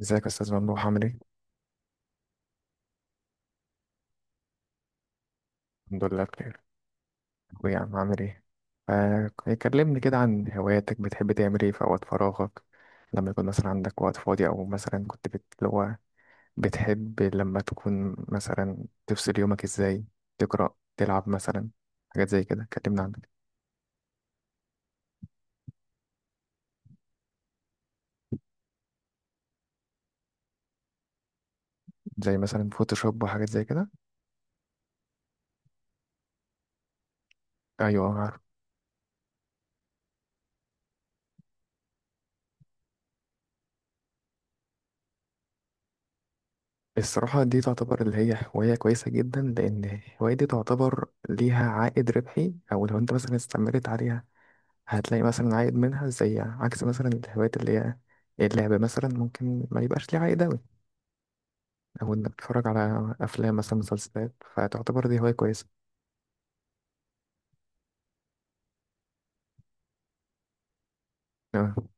ازيك يا استاذ ممدوح، عامل ايه؟ الحمد لله بخير. اخويا يا عم، عامل ايه؟ كلمني كده عن هواياتك، بتحب تعمل ايه في اوقات فراغك؟ لما يكون مثلا عندك وقت فاضي، او مثلا كنت اللي هو، بتحب لما تكون مثلا تفصل يومك ازاي؟ تقرا، تلعب مثلا، حاجات زي كده، كلمنا عنك. زي مثلا فوتوشوب وحاجات زي كده. ايوه، عارف. الصراحة دي تعتبر اللي هي هواية كويسة جدا، لأن الهواية دي تعتبر ليها عائد ربحي، أو لو أنت مثلا استمرت عليها هتلاقي مثلا عائد منها، زي عكس مثلا الهوايات اللي هي اللعب مثلا، ممكن ما يبقاش ليه عائد أوي. أو إنك تتفرج على أفلام مثلا، مسلسلات، فتعتبر دي هواية كويسة. آه.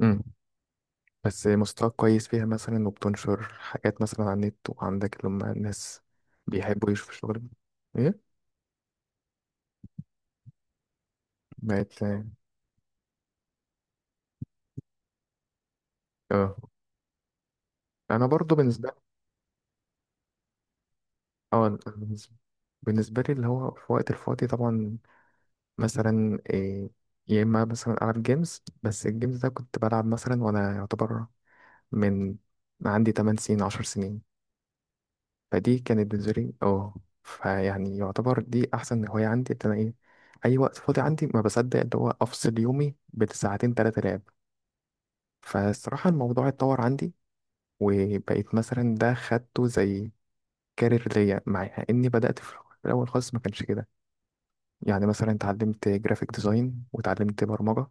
أمم. بس مستواك كويس فيها مثلا، وبتنشر حاجات مثلا على النت، وعندك اللي هم الناس بيحبوا يشوفوا شغل. إيه؟ بقت، اه، أنا برضو بالنسبة، اه، بالنسبة لي اللي هو في وقت الفاضي طبعا، مثلا إيه، يا إما مثلا ألعب جيمز. بس الجيمز ده كنت بلعب مثلا وأنا يعتبر من عندي 8 سنين، 10 سنين. فدي كانت بالنسبة لي، اه، فيعني يعتبر دي أحسن هواية عندي. إن أنا إيه، أي وقت فاضي عندي ما بصدق اللي هو أفصل يومي بساعتين تلاتة لعب. فالصراحة الموضوع اتطور عندي، وبقيت مثلا ده خدته زي كارير ليا، مع إني بدأت في الأول خالص ما كانش كده. يعني مثلا اتعلمت جرافيك ديزاين، واتعلمت برمجة،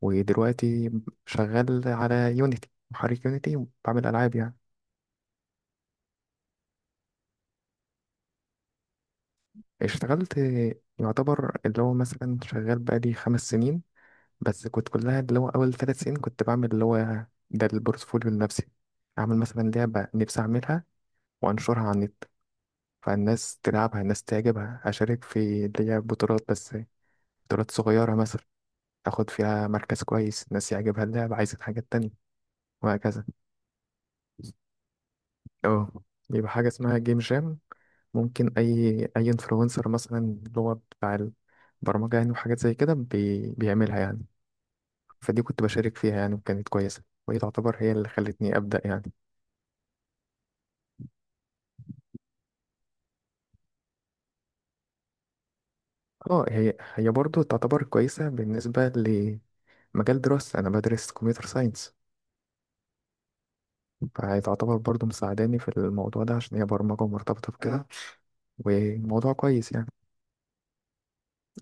ودلوقتي شغال على يونيتي، محرك يونيتي، وبعمل ألعاب يعني. اشتغلت، يعتبر اللي هو مثلا شغال بقالي خمس سنين. بس كنت كلها اللي هو أول ثلاث سنين كنت بعمل اللي هو ده البورتفوليو النفسي، أعمل مثلا لعبة نفسي أعملها، وأنشرها على النت، فالناس تلعبها، الناس تعجبها، أشارك في اللي هي بطولات. بس بطولات صغيرة مثلا، أخد فيها مركز كويس، الناس يعجبها اللعبة، عايزة حاجات تانية، وهكذا. اه، يبقى حاجة اسمها جيم جام، ممكن أي أي انفلونسر مثلا اللي هو بتاع البرمجة يعني، وحاجات زي كده بيعملها يعني. فدي كنت بشارك فيها يعني، وكانت كويسة، وهي تعتبر هي اللي خلتني أبدأ يعني. اه، هي هي برضه تعتبر كويسة بالنسبة لمجال دراستي. أنا بدرس كمبيوتر ساينس، فهي تعتبر برضه مساعداني في الموضوع ده، عشان هي برمجة ومرتبطة بكده، وموضوع كويس يعني.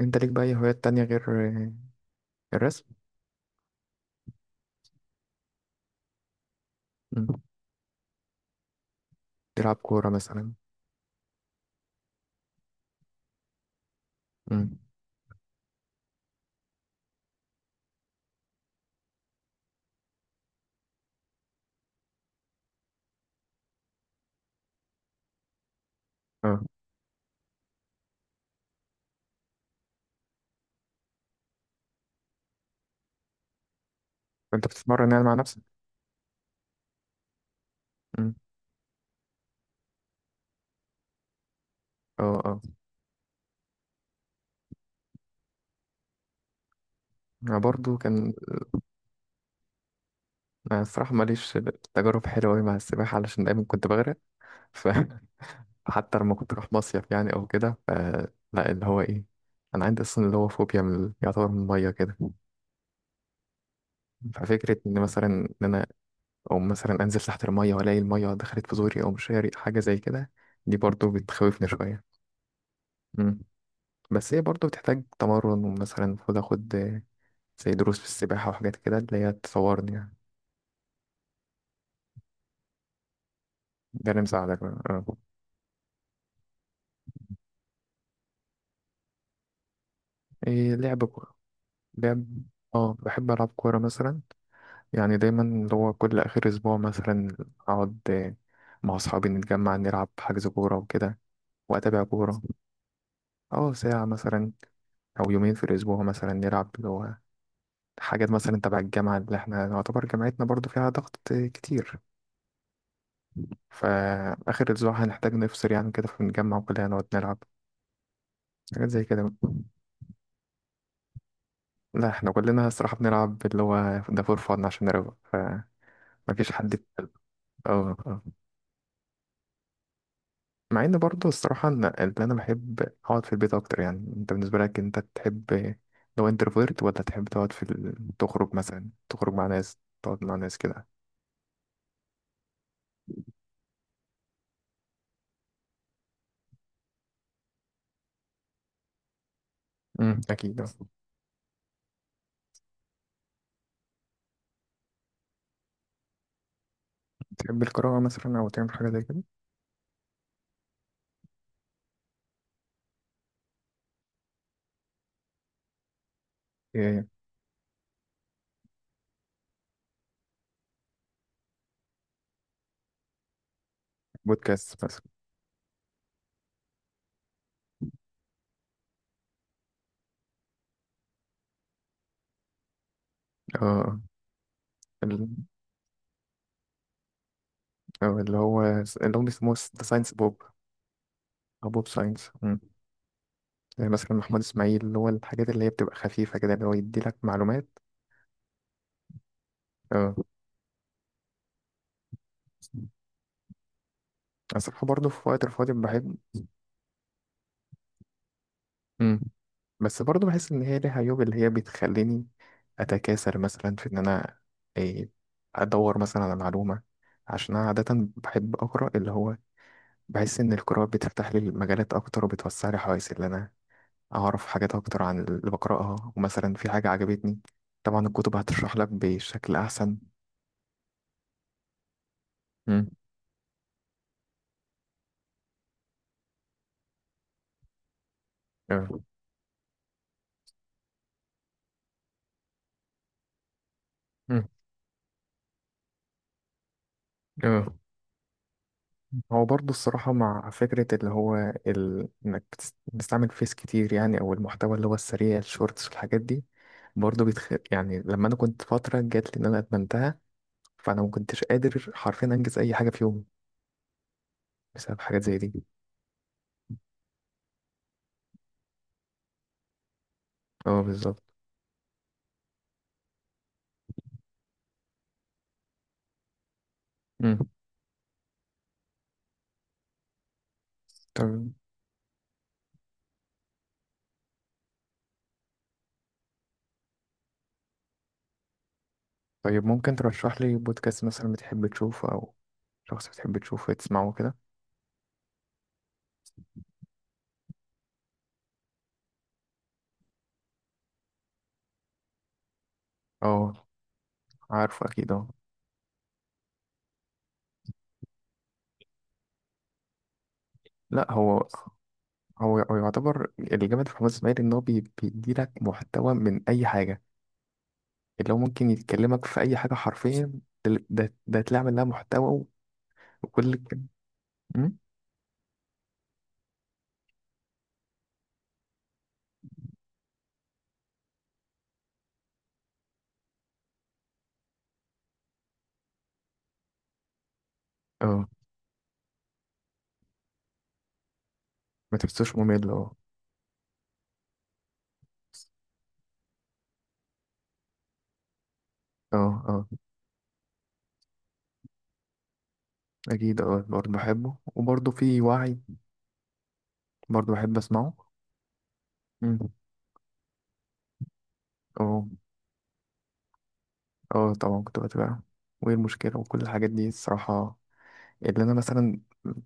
أنت ليك بقى أي هوايات تانية غير الرسم؟ مم. تلعب كورة مثلا؟ مم. اه. أنت بتتمرن يعني مع نفسك؟ مم. اه، اه، انا برضو كان، انا الصراحه ماليش تجارب حلوه أوي مع السباحه، علشان دايما كنت بغرق. ف حتى لما كنت اروح مصيف يعني او كده لا، اللي هو ايه، انا عندي اصلا اللي هو فوبيا من يعتبر من الميه كده. ففكره ان مثلا ان انا، او مثلا انزل تحت الميه والاقي الميه دخلت في زوري، او مش هاري حاجه زي كده، دي برضو بتخوفني شويه. مم. بس هي برضو بتحتاج تمرن، ومثلا المفروض اخد زي دروس في السباحه وحاجات كده اللي هي تصورني يعني. ده اللي مساعدك بقى. اه. إيه، لعب كوره، لعب، اه بحب العب كوره مثلا. يعني دايما اللي هو كل اخر اسبوع مثلا اقعد مع اصحابي نتجمع نلعب حجز كوره وكده، واتابع كوره. اه ساعه مثلا، او يومين في الاسبوع مثلا نلعب اللي هو حاجات مثلا تبع الجامعه، اللي احنا نعتبر جامعتنا برضو فيها ضغط كتير. فاخر اسبوع هنحتاج نفصل يعني كده، فنتجمع وكلنا نقعد نلعب حاجات زي كده. لا، احنا كلنا الصراحه بنلعب اللي هو ده فور فن عشان نروق، فمفيش حد. اه. آه. مع ان برضه الصراحه ان إن انا بحب اقعد في البيت اكتر يعني. انت بالنسبه لك انت تحب لو انتروفيرت، ولا تحب تقعد تخرج مثلا، تخرج مع ناس، تقعد مع ناس كده؟ امم، اكيد. آه. تحب القراءه مثلا، او تعمل حاجه زي كده؟ إيه، بودكاست مثلا؟ اه. ال- اللي هو اللي هم بيسموه ذا ساينس بوب، او بوب ساينس. امم. زي مثلا محمود اسماعيل، اللي هو الحاجات اللي هي بتبقى خفيفه كده، اللي هو يدي لك معلومات. اه. أنا الصراحه برضه في وقت الفاضي بحب. مم. بس برضه بحس ان هي ليها عيوب، اللي هي بتخليني اتكاسل مثلا في ان انا إيه ادور مثلا على معلومه. عشان انا عاده بحب اقرا، اللي هو بحس ان القراءه بتفتح لي المجالات اكتر، وبتوسع لي حواسي، اللي انا اعرف حاجات اكتر عن اللي بقراها. ومثلا في حاجه عجبتني، طبعا الكتب هتشرح لك بشكل احسن. مم. اه. اه، هو برضه الصراحة مع فكرة اللي هو إنك بتستعمل فيس كتير يعني، أو المحتوى اللي هو السريع، الشورتس والحاجات دي برضه يعني لما أنا كنت فترة جات لي إن أنا أدمنتها، فأنا ما كنتش قادر حرفيا أنجز أي حاجة في يومي بسبب حاجات زي دي. أه بالظبط. مم. طب، طيب ممكن ترشح لي بودكاست مثلا بتحب تشوفه، أو شخص بتحب تشوفه تسمعه كده؟ أه، عارفه أكيد أه. لأ، هو يعتبر الجامد في حماس إسماعيل إن هو بيديلك محتوى من أي حاجة، اللي هو ممكن يتكلمك في أي حاجة حرفيا. ده تلاقي لها محتوى. وكل الك- أمم؟ اه. ما تحسوش ممل. اه، اه، اه، أكيد، اه برضه بحبه، وبرضه في وعي برضه بحب أسمعه. أمم. اه. اه طبعا كنت بتابعه. وإيه المشكلة وكل الحاجات دي الصراحة، اللي أنا مثلا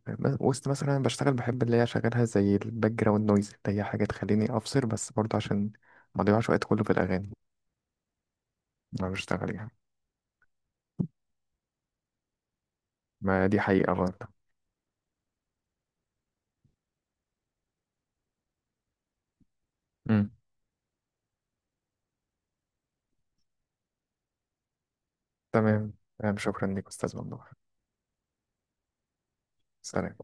وسط مثلا أنا بشتغل، بحب اللي هي أشغلها زي الباك جراوند نويز، اللي هي حاجة تخليني أفصل، بس برضه عشان ما أضيعش وقت كله في الأغاني، أنا بشتغل يعني. ما دي حقيقة برضه. أمم. تمام. تمام، شكرا لك أستاذ ممدوح. سلام.